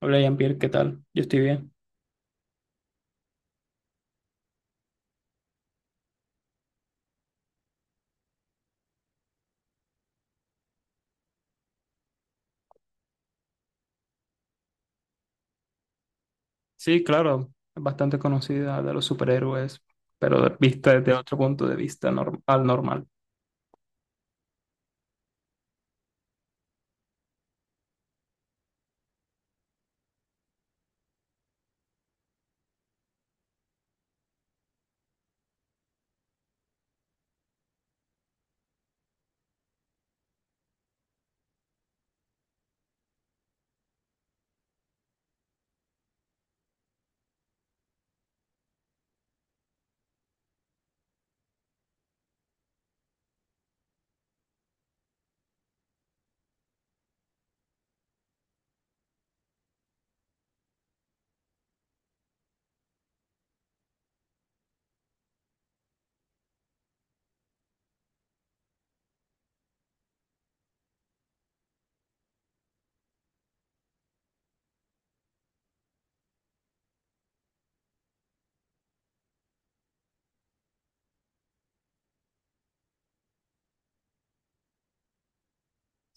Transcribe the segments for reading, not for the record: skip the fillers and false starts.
Hola Jean-Pierre, ¿qué tal? Yo estoy bien. Sí, claro, es bastante conocida de los superhéroes, pero vista desde otro punto de vista al normal.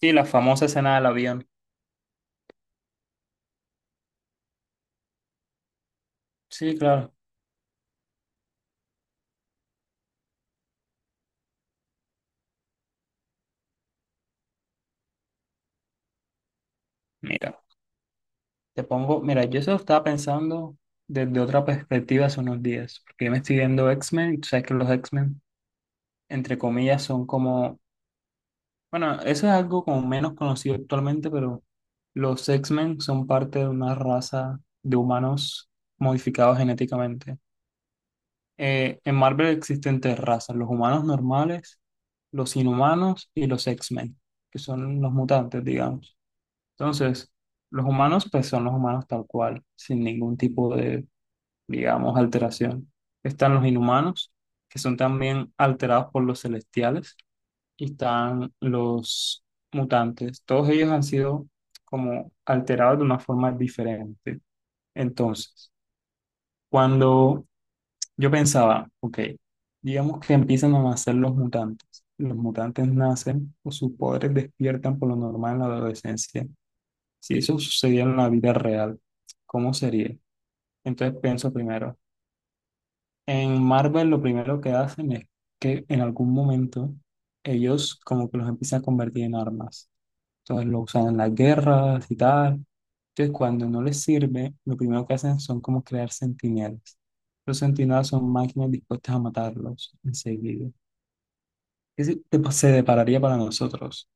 Sí, la famosa escena del avión. Sí, claro. Mira, te pongo, mira, yo eso estaba pensando desde otra perspectiva hace unos días, porque yo me estoy viendo X-Men, y tú sabes que los X-Men, entre comillas, son como, bueno, eso es algo como menos conocido actualmente, pero los X-Men son parte de una raza de humanos modificados genéticamente. En Marvel existen tres razas, los humanos normales, los inhumanos y los X-Men, que son los mutantes, digamos. Entonces, los humanos, pues son los humanos tal cual, sin ningún tipo de, digamos, alteración. Están los inhumanos, que son también alterados por los celestiales, y están los mutantes. Todos ellos han sido como alterados de una forma diferente. Entonces, cuando yo pensaba, ok, digamos que empiezan a nacer los mutantes. Los mutantes nacen o sus poderes despiertan por lo normal en la adolescencia. Si eso sucediera en la vida real, ¿cómo sería? Entonces pienso primero, en Marvel lo primero que hacen es que en algún momento ellos como que los empiezan a convertir en armas. Entonces lo usan en las guerras y tal. Entonces cuando no les sirve, lo primero que hacen son como crear centinelas. Los centinelas son máquinas dispuestas a matarlos enseguida. Es decir, se depararía para nosotros.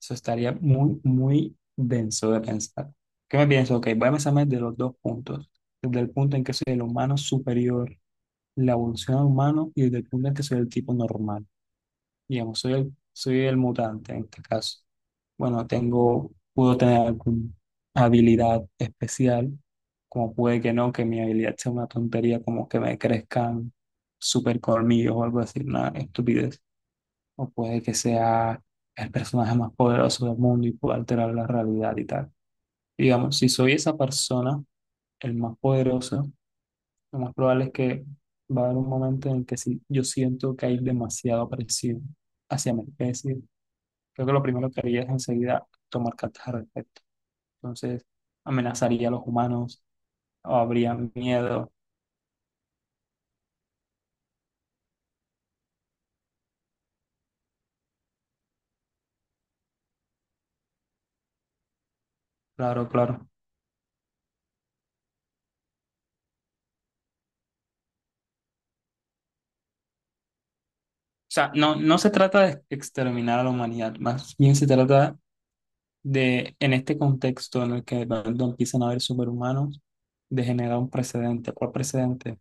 Eso estaría muy, muy denso de pensar. ¿Qué me pienso? Ok, voy a pensarme desde los dos puntos. Desde el punto en que soy el humano superior, la evolución al humano, y desde el punto en que soy el tipo normal. Digamos, soy el mutante en este caso. Bueno, tengo, puedo tener alguna habilidad especial, como puede que no, que mi habilidad sea una tontería, como que me crezcan super colmillos o algo así, una estupidez. O puede que sea el personaje más poderoso del mundo y pueda alterar la realidad y tal. Digamos, si soy esa persona, el más poderoso, lo más probable es que va a haber un momento en el que sí, yo siento que hay demasiada presión hacia mi especie. Creo que lo primero que haría es enseguida tomar cartas al respecto. Entonces, amenazaría a los humanos, o habría miedo, claro, claro. O sea, no, no se trata de exterminar a la humanidad, más bien se trata de, en este contexto en el que de pronto empiezan a haber superhumanos, de generar un precedente. ¿Cuál precedente?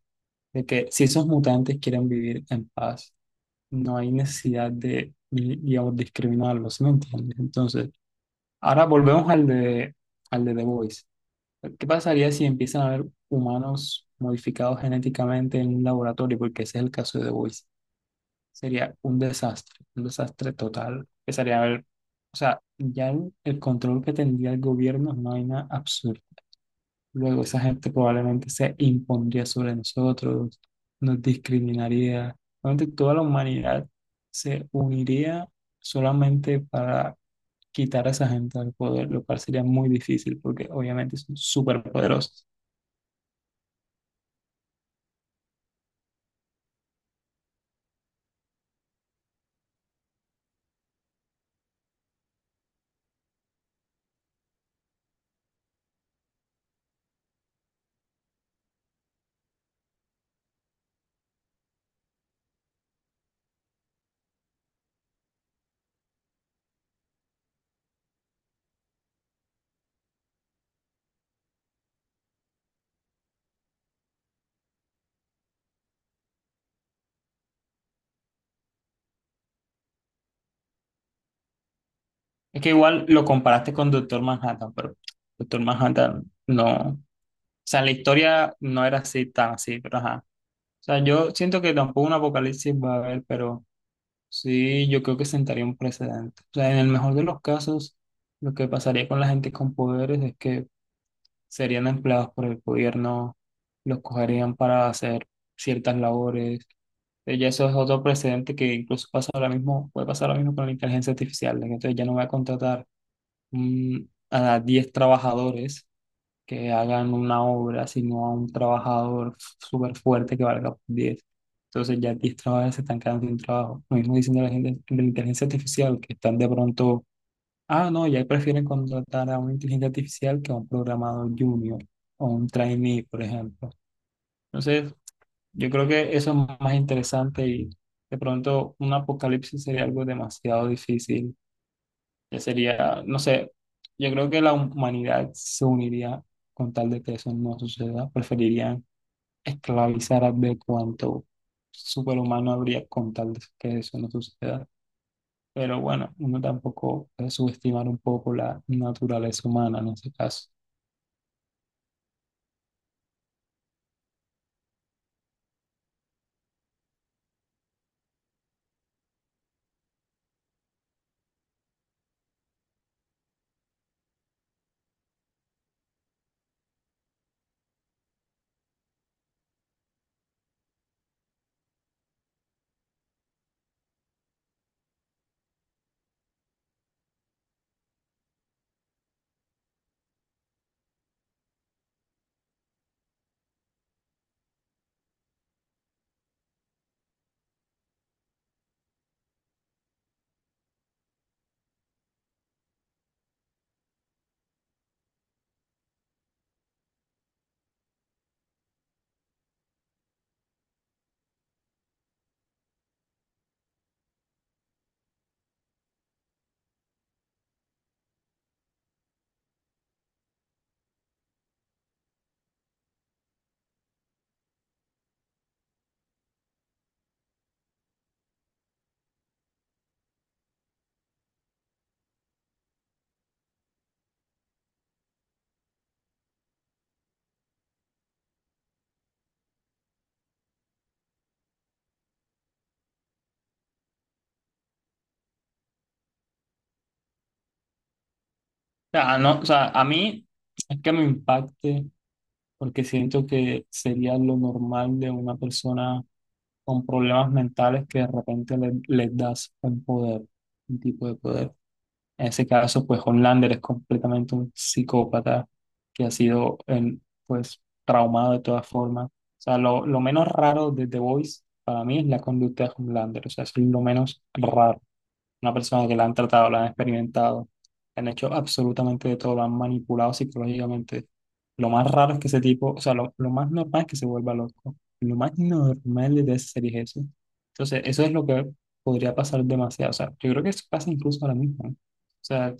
De que si esos mutantes quieren vivir en paz, no hay necesidad de, digamos, discriminarlos, ¿sí me entiendes? Entonces, ahora volvemos al de The Voice. ¿Qué pasaría si empiezan a haber humanos modificados genéticamente en un laboratorio? Porque ese es el caso de The Voice. Sería un desastre total. Empezaría a haber, o sea, ya el control que tendría el gobierno es una vaina absurda. Luego esa gente probablemente se impondría sobre nosotros, nos discriminaría. Realmente toda la humanidad se uniría solamente para quitar a esa gente del poder, lo cual sería muy difícil porque obviamente son súper poderosos. Es que igual lo comparaste con Doctor Manhattan, pero Doctor Manhattan no. O sea, la historia no era así tan así, pero ajá. O sea, yo siento que tampoco un apocalipsis va a haber, pero sí, yo creo que sentaría un precedente. O sea, en el mejor de los casos, lo que pasaría con la gente con poderes es que serían empleados por el gobierno, los cogerían para hacer ciertas labores. Ya eso es otro precedente que incluso pasa ahora mismo, puede pasar ahora mismo con la inteligencia artificial, de que entonces ya no voy a contratar a 10 trabajadores que hagan una obra, sino a un trabajador súper fuerte que valga por 10. Entonces ya 10 trabajadores se están quedando sin trabajo. Lo mismo diciendo la gente de la inteligencia artificial, que están de pronto, ah, no, ya prefieren contratar a una inteligencia artificial que a un programador junior o un trainee, por ejemplo. Entonces, yo creo que eso es más interesante y de pronto un apocalipsis sería algo demasiado difícil. Ya sería, no sé, yo creo que la humanidad se uniría con tal de que eso no suceda. Preferirían esclavizar a ver cuánto superhumano habría con tal de que eso no suceda. Pero bueno, uno tampoco puede subestimar un poco la naturaleza humana en ese caso. O sea, no, o sea, a mí es que me impacte porque siento que sería lo normal de una persona con problemas mentales que de repente les das un poder, un tipo de poder. En ese caso, pues Homelander es completamente un psicópata que ha sido, en pues, traumado de todas formas. O sea, lo menos raro de The Voice para mí es la conducta de Homelander. O sea, es lo menos raro una persona que la han tratado, la han experimentado, la han hecho absolutamente de todo, la han manipulado psicológicamente. Lo más raro es que ese tipo, o sea, lo más normal es que se vuelva loco. Lo más normal de esa serie es eso. Entonces, eso es lo que podría pasar demasiado. O sea, yo creo que eso pasa incluso ahora mismo. ¿No? O sea,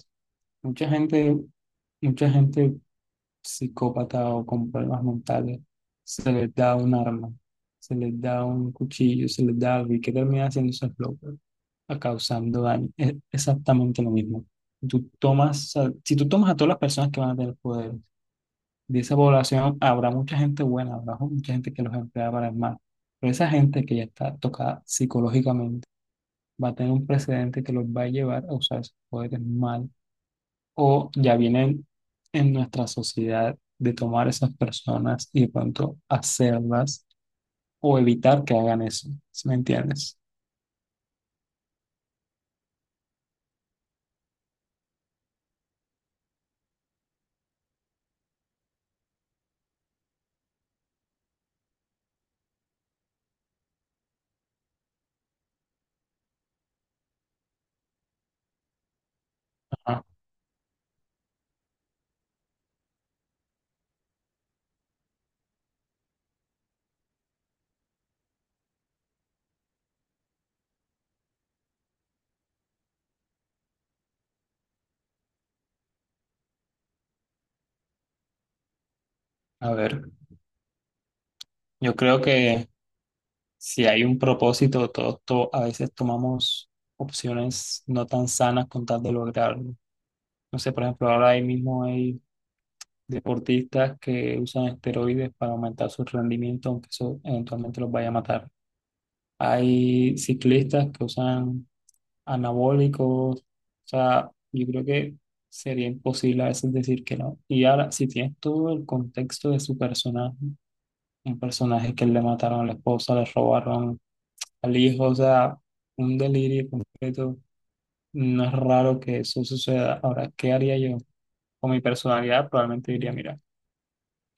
mucha gente, mucha gente psicópata o con problemas mentales, se les da un arma, se les da un cuchillo, se les da algo y que termina haciendo esos locos a causando daño. Es exactamente lo mismo. Tú tomas, si tú tomas a todas las personas que van a tener poder, de esa población habrá mucha gente buena, habrá mucha gente que los emplea para el mal. Pero esa gente que ya está tocada psicológicamente va a tener un precedente que los va a llevar a usar sus poderes mal. O ya vienen en nuestra sociedad de tomar esas personas y de pronto hacerlas o evitar que hagan eso. ¿Sí me entiendes? Ajá. A ver, yo creo que si hay un propósito, todos, a veces tomamos opciones no tan sanas con tal de lograrlo. No sé, por ejemplo, ahora ahí mismo hay deportistas que usan esteroides para aumentar su rendimiento, aunque eso eventualmente los vaya a matar. Hay ciclistas que usan anabólicos. O sea, yo creo que sería imposible a veces decir que no. Y ahora, si tienes todo el contexto de su personaje, un personaje que le mataron a la esposa, le robaron al hijo, o sea, un delirio completo. No es raro que eso suceda. Ahora, ¿qué haría yo? Con mi personalidad probablemente diría, mira,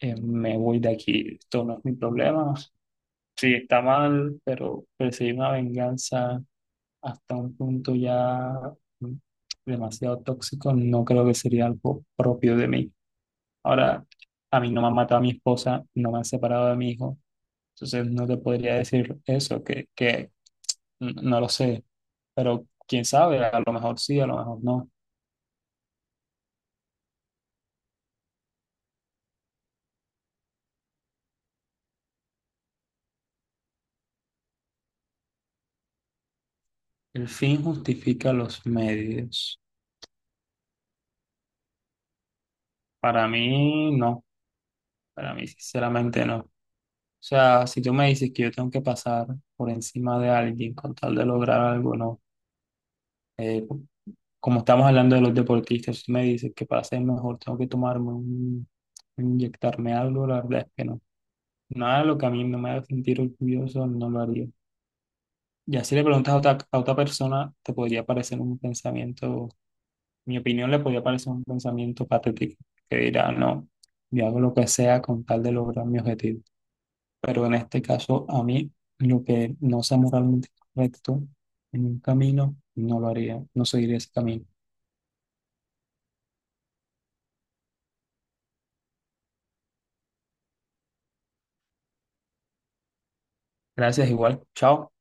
me voy de aquí, esto no es mi problema. Sí, está mal, pero perseguir una venganza hasta un punto ya mm, demasiado tóxico no creo que sería algo propio de mí. Ahora, a mí no me han matado a mi esposa, no me han separado de mi hijo, entonces no te podría decir eso, que no lo sé, pero quién sabe, a lo mejor sí, a lo mejor no. El fin justifica los medios. Para mí, no. Para mí, sinceramente, no. O sea, si tú me dices que yo tengo que pasar por encima de alguien con tal de lograr algo, no. Eh, como estamos hablando de los deportistas, si me dices que para ser mejor tengo que tomarme un, inyectarme algo, la verdad es que no. Nada de lo que a mí no me haga sentir orgulloso, no lo haría. Y así le preguntas a otra persona, te podría parecer un pensamiento. Mi opinión le podía parecer un pensamiento patético, que dirá, no, yo hago lo que sea con tal de lograr mi objetivo. Pero en este caso, a mí, lo que no sea moralmente correcto en un camino, no lo haría, no seguiría ese camino. Gracias, igual, chao.